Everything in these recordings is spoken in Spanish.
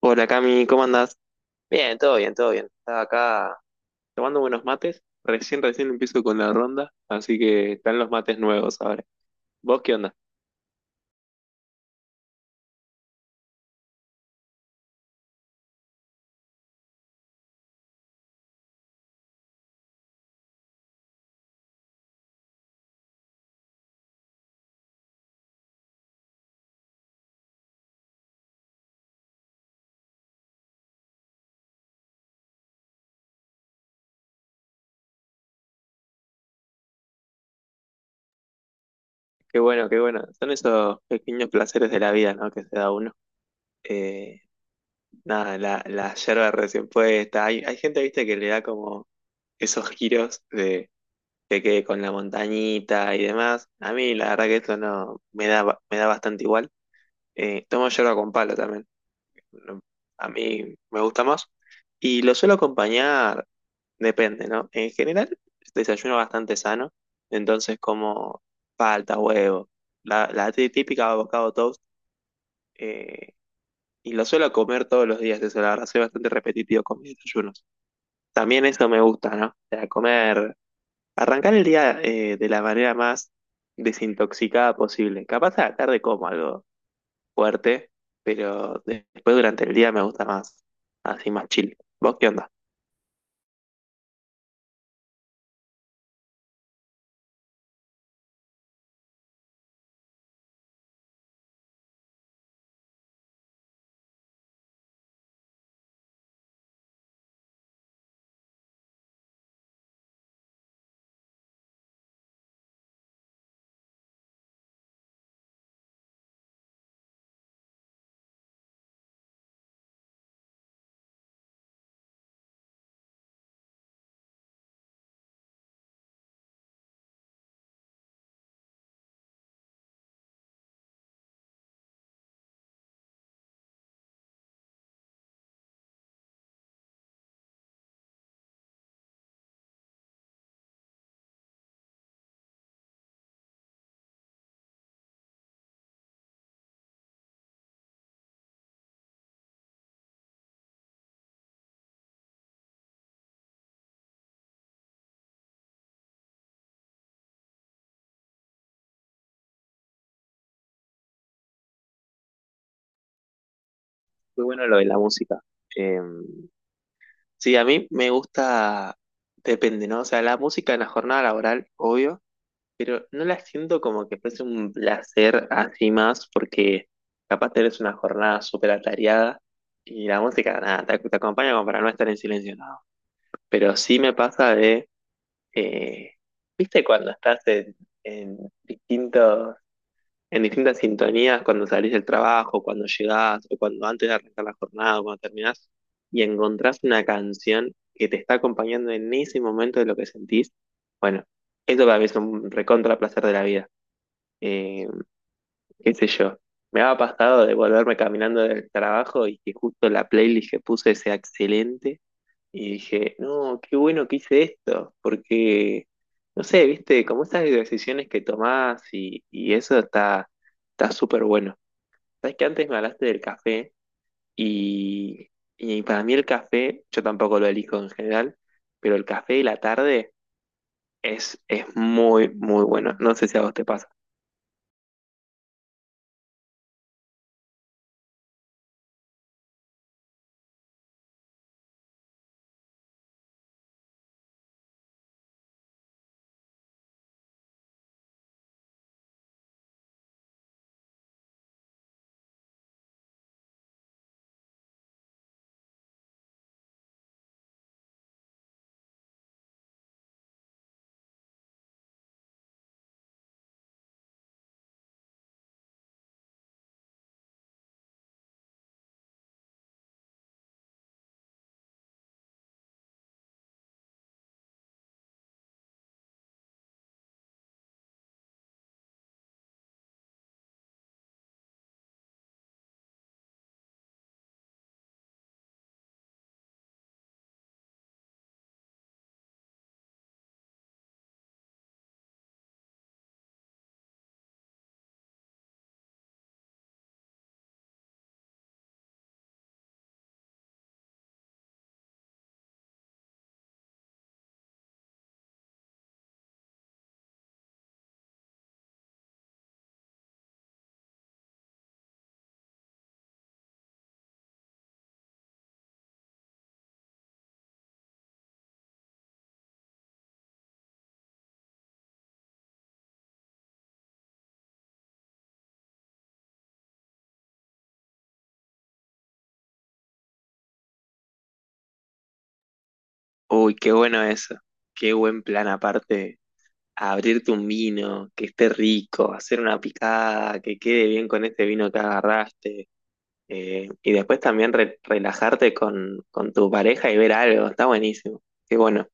Hola Cami, ¿cómo andás? Bien, todo bien, todo bien. Estaba acá tomando buenos mates. Recién empiezo con la ronda, así que están los mates nuevos ahora. ¿Vos qué onda? Qué bueno, qué bueno. Son esos pequeños placeres de la vida, ¿no? Que se da uno. Eh, Nada, la yerba recién puesta. Hay gente, viste, que le da como esos giros de que quede con la montañita y demás. A mí, la verdad que esto no me da, me da bastante igual. Tomo yerba con palo también. A mí me gusta más. Y lo suelo acompañar, depende, ¿no? En general, desayuno bastante sano, entonces como palta, huevo, la típica avocado toast, eh, y lo suelo comer todos los días, eso la verdad, soy bastante repetitivo con mis desayunos. También eso me gusta, ¿no? O sea, comer, arrancar el día de la manera más desintoxicada posible. Capaz a la tarde como algo fuerte, pero después durante el día me gusta más, así más chill. ¿Vos qué onda? Muy bueno lo de la música. Eh, sí, a mí me gusta, depende, ¿no? O sea, la música en la jornada laboral, obvio, pero no la siento como que fuese un placer así más, porque capaz tenés una jornada súper atareada y la música, nada, te acompaña como para no estar en silencio, nada. Pero sí me pasa eh, ¿viste cuando estás en distintos en distintas sintonías cuando salís del trabajo, cuando llegás, o cuando antes de arrancar la jornada, o cuando terminás, y encontrás una canción que te está acompañando en ese momento de lo que sentís, bueno, eso para mí es un recontra placer de la vida. Eh, Qué sé yo. Me ha pasado de volverme caminando del trabajo y que justo la playlist que puse sea excelente. Y dije, no, qué bueno que hice esto, porque, no sé, viste, como esas decisiones que tomás y eso está súper bueno. Sabes que antes me hablaste del café y, y para mí el café, yo tampoco lo elijo en general, pero el café de la tarde es muy, muy bueno. No sé si a vos te pasa. Uy, qué bueno eso. Qué buen plan aparte. Abrirte un vino, que esté rico, hacer una picada, que quede bien con este vino que agarraste. Y después también relajarte con tu pareja y ver algo. Está buenísimo. Qué bueno.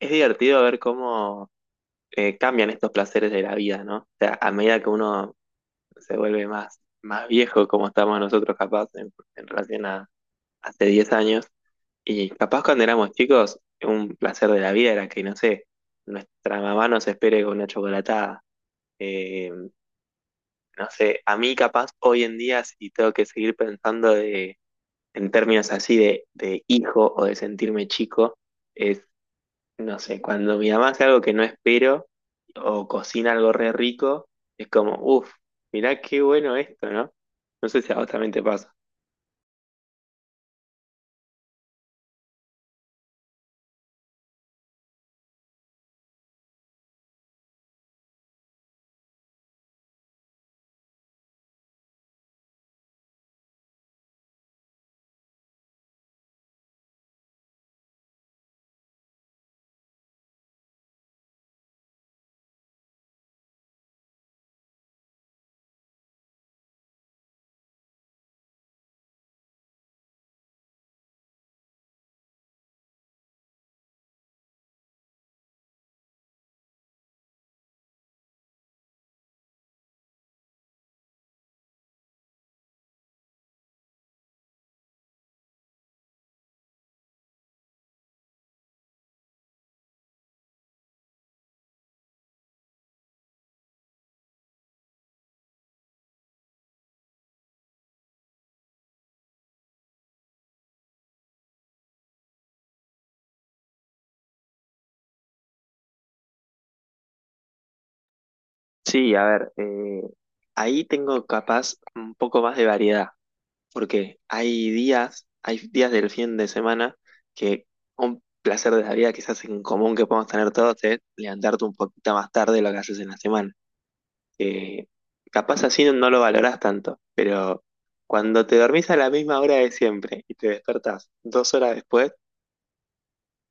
Es divertido ver cómo cambian estos placeres de la vida, ¿no? O sea, a medida que uno se vuelve más viejo, como estamos nosotros capaz en relación a hace 10 años, y capaz cuando éramos chicos, un placer de la vida era que, no sé, nuestra mamá nos espere con una chocolatada. Eh, no sé, a mí capaz hoy en día si tengo que seguir pensando en términos así de hijo o de sentirme chico, es. No sé, cuando mi mamá hace algo que no espero o cocina algo re rico, es como, uff, mirá qué bueno esto, ¿no? No sé si a vos también te pasa. Sí, a ver, ahí tengo capaz un poco más de variedad, porque hay días del fin de semana que un placer de la vida quizás en común que podemos tener todos es levantarte un poquito más tarde de lo que haces en la semana. Eh, Capaz así no lo valorás tanto, pero cuando te dormís a la misma hora de siempre y te despertás 2 horas después,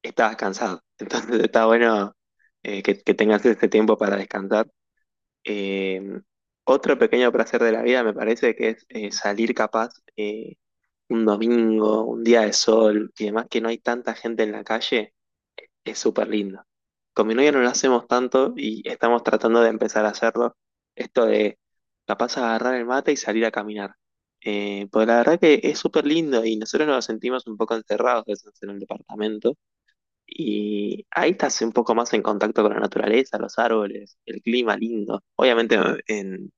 estabas cansado. Entonces está bueno que tengas este tiempo para descansar. Eh, Otro pequeño placer de la vida me parece que es salir capaz eh, un domingo, un día de sol y demás, que no hay tanta gente en la calle es súper lindo. Con mi novia no lo hacemos tanto y estamos tratando de empezar a hacerlo. Esto de capaz agarrar el mate y salir a caminar. Pues la verdad que es súper lindo y nosotros nos sentimos un poco encerrados que estamos en el departamento y ahí estás un poco más en contacto con la naturaleza, los árboles, el clima lindo. Obviamente en,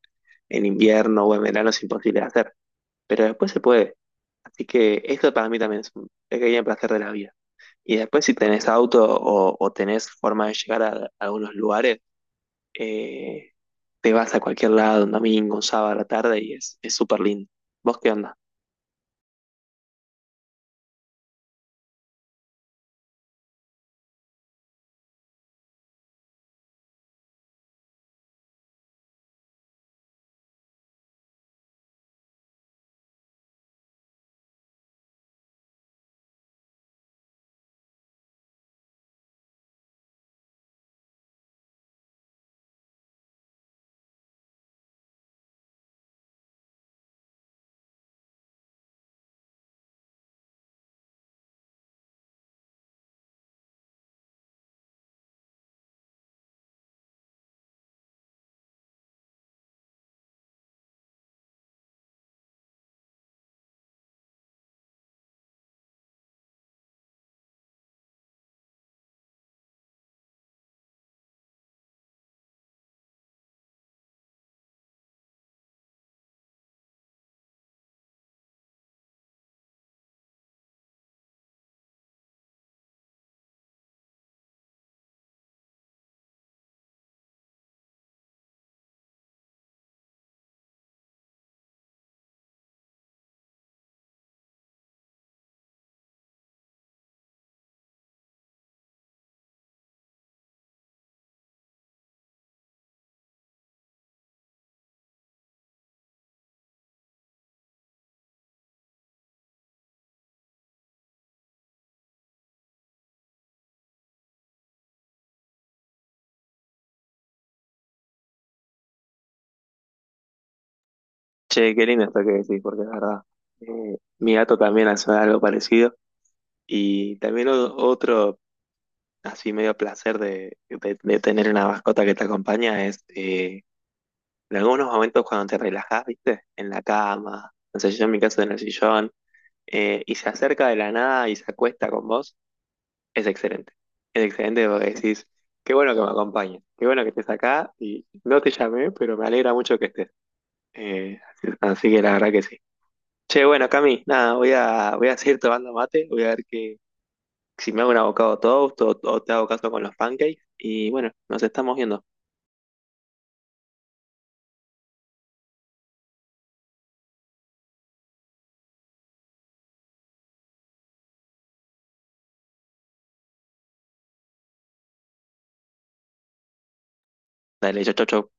en invierno o en verano es imposible de hacer, pero después se puede. Así que esto para mí también es un pequeño placer de la vida. Y después si tenés auto o tenés forma de llegar a algunos lugares, eh, te vas a cualquier lado, un domingo, un sábado a la tarde y es súper lindo. ¿Vos qué onda? Che, qué lindo esto que decís, porque es verdad. Mi gato también hace algo parecido y también otro así medio placer de tener una mascota que te acompaña es en algunos momentos cuando te relajás, ¿viste? En la cama, no sé, yo en mi caso en el sillón, y se acerca de la nada y se acuesta con vos. Es excelente. Es excelente porque decís, qué bueno que me acompañes, qué bueno que estés acá y no te llamé, pero me alegra mucho que estés. Así, así que la verdad que sí. Che, bueno, Cami, nada, voy a seguir tomando mate, voy a ver que, si me hago un avocado toast o te hago caso con los pancakes y bueno, nos estamos viendo. Dale, chau, chau, chau.